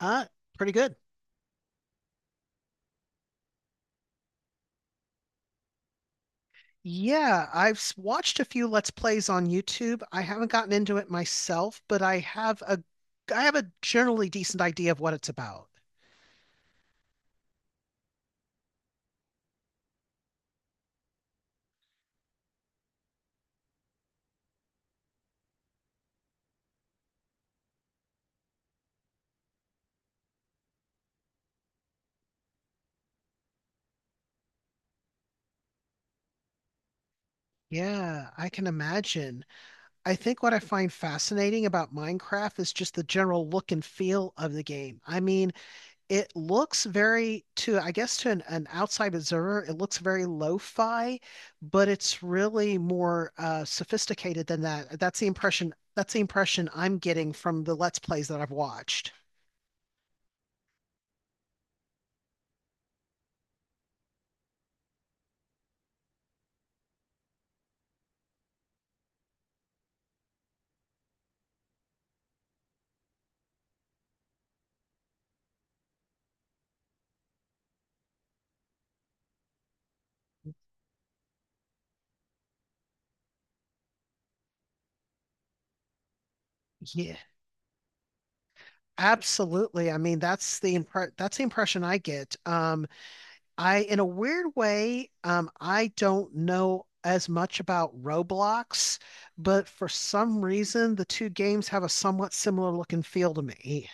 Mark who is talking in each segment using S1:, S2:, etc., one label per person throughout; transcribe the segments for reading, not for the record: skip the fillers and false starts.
S1: Uh, pretty good. Yeah, I've watched a few Let's Plays on YouTube. I haven't gotten into it myself, but I have a generally decent idea of what it's about. Yeah, I can imagine. I think what I find fascinating about Minecraft is just the general look and feel of the game. I mean, it looks very to I guess to an outside observer, it looks very lo-fi, but it's really more sophisticated than that. That's the impression I'm getting from the Let's Plays that I've watched. Yeah, absolutely. I mean, that's the impression I get. I, in a weird way, I don't know as much about Roblox, but for some reason, the two games have a somewhat similar look and feel to me.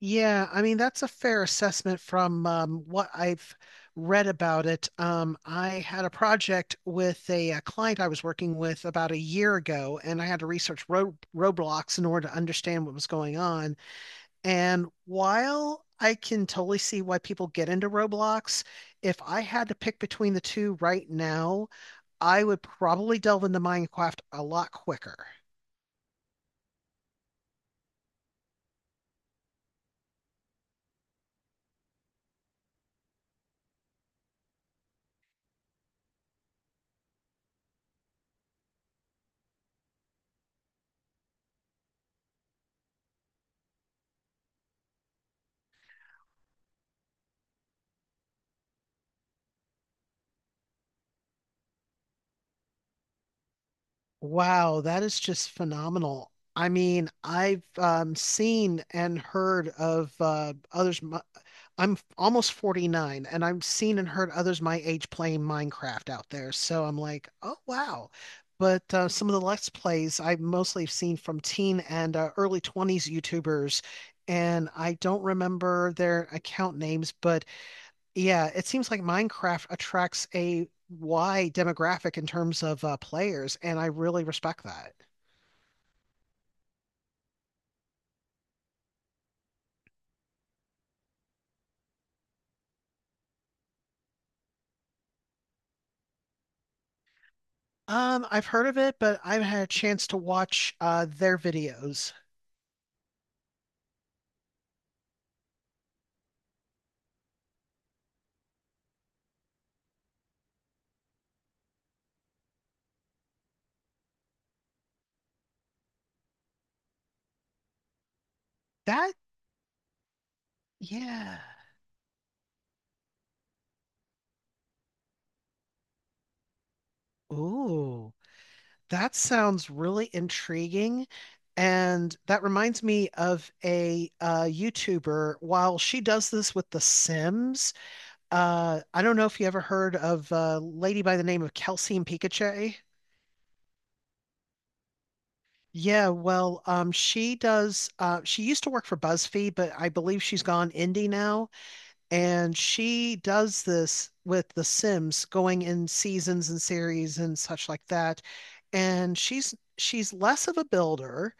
S1: Yeah, I mean that's a fair assessment from what I've read about it. I had a project with uh, client I was working with about a year ago, and I had to research roadblocks in order to understand what was going on. And while I can totally see why people get into Roblox, if I had to pick between the two right now, I would probably delve into Minecraft a lot quicker. Wow, that is just phenomenal. I mean, I've seen and heard of others. I'm almost 49, and I've seen and heard others my age playing Minecraft out there. So I'm like, oh, wow. But some of the Let's Plays I've mostly seen from teen and early 20s YouTubers, and I don't remember their account names, but yeah, it seems like Minecraft attracts a wide demographic in terms of players, and I really respect that. I've heard of it, but I've had a chance to watch their videos. That, yeah. Ooh, that sounds really intriguing. And that reminds me of a YouTuber. While she does this with The Sims, I don't know if you ever heard of a lady by the name of Kelsey and Pikachu. Yeah, well, she does. She used to work for BuzzFeed, but I believe she's gone indie now. And she does this with The Sims, going in seasons and series and such like that. And she's less of a builder,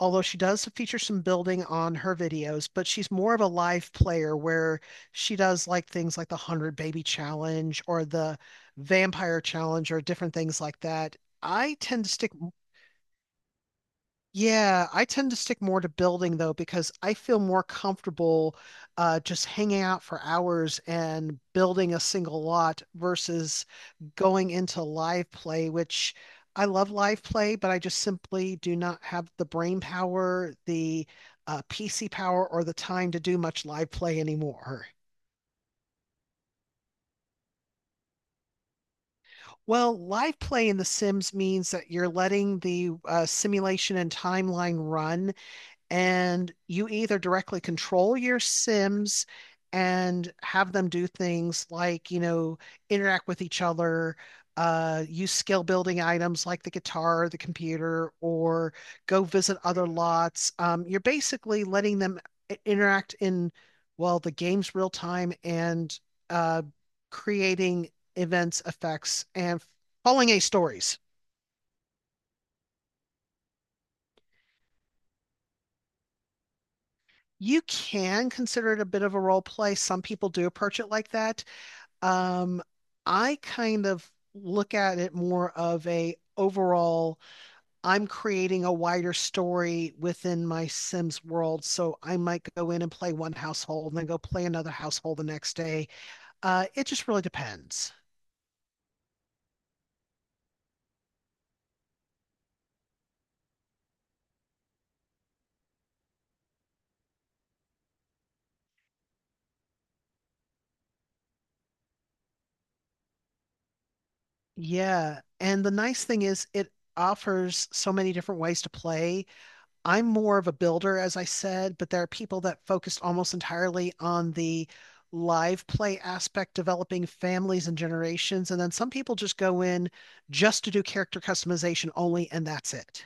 S1: although she does feature some building on her videos. But she's more of a live player, where she does like things like the Hundred Baby Challenge or the Vampire Challenge or different things like that. I tend to stick. Yeah, I tend to stick more to building though because I feel more comfortable just hanging out for hours and building a single lot versus going into live play, which I love live play, but I just simply do not have the brain power, the PC power, or the time to do much live play anymore. Well, live play in The Sims means that you're letting the simulation and timeline run and you either directly control your Sims and have them do things like, you know, interact with each other, use skill building items like the guitar, the computer, or go visit other lots. You're basically letting them interact in, well, the game's real time and uh, creating events, effects, and following a stories. You can consider it a bit of a role play. Some people do approach it like that. Um, I kind of look at it more of a overall, I'm creating a wider story within my Sims world. So I might go in and play one household and then go play another household the next day. It just really depends. Yeah. And the nice thing is it offers so many different ways to play. I'm more of a builder, as I said, but there are people that focused almost entirely on the live play aspect, developing families and generations. And then some people just go in just to do character customization only, and that's it.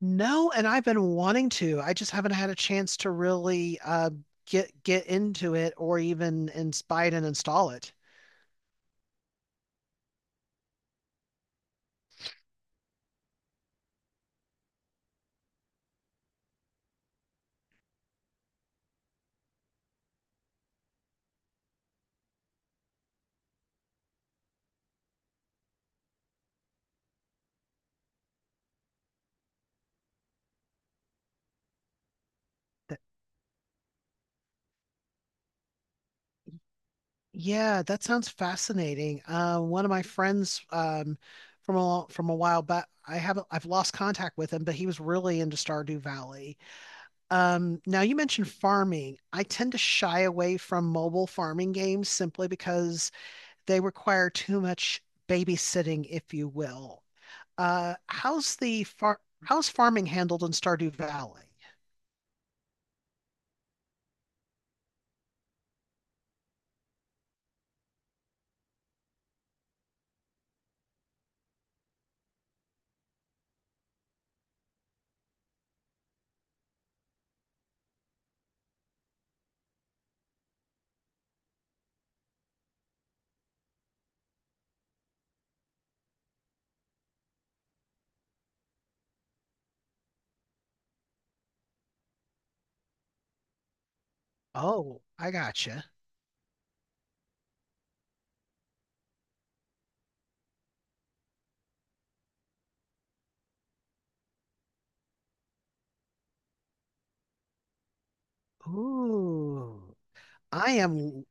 S1: No, and I've been wanting to. I just haven't had a chance to really get into it or even inspire and install it. Yeah, that sounds fascinating. One of my friends from a while back, I haven't I've lost contact with him, but he was really into Stardew Valley. Now you mentioned farming. I tend to shy away from mobile farming games simply because they require too much babysitting, if you will. Uh, how's the far how's farming handled in Stardew Valley? Oh, I gotcha. Ooh, I am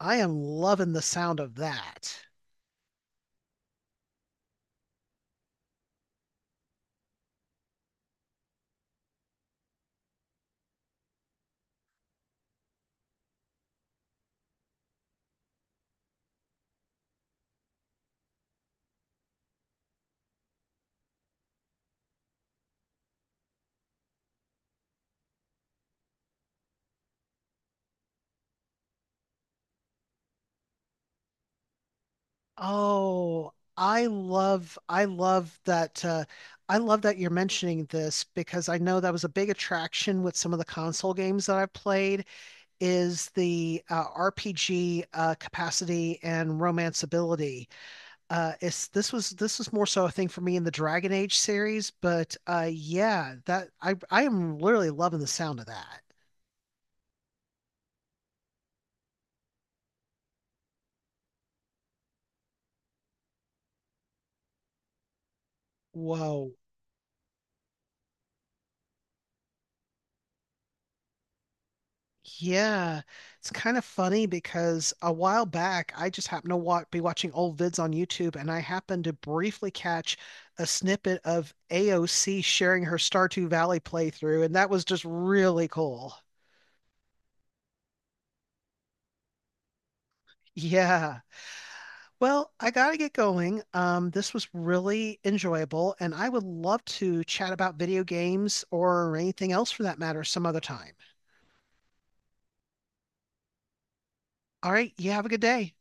S1: I am loving the sound of that. Oh, I love that you're mentioning this because I know that was a big attraction with some of the console games that I've played is the RPG capacity and romanceability. It's this was more so a thing for me in the Dragon Age series, but yeah, that I am literally loving the sound of that. Whoa. Yeah, it's kind of funny because a while back I just happened to wa be watching old vids on YouTube and I happened to briefly catch a snippet of AOC sharing her Stardew Valley playthrough, and that was just really cool. Yeah. Well, I gotta get going. This was really enjoyable, and I would love to chat about video games or anything else for that matter some other time. All right, you have a good day.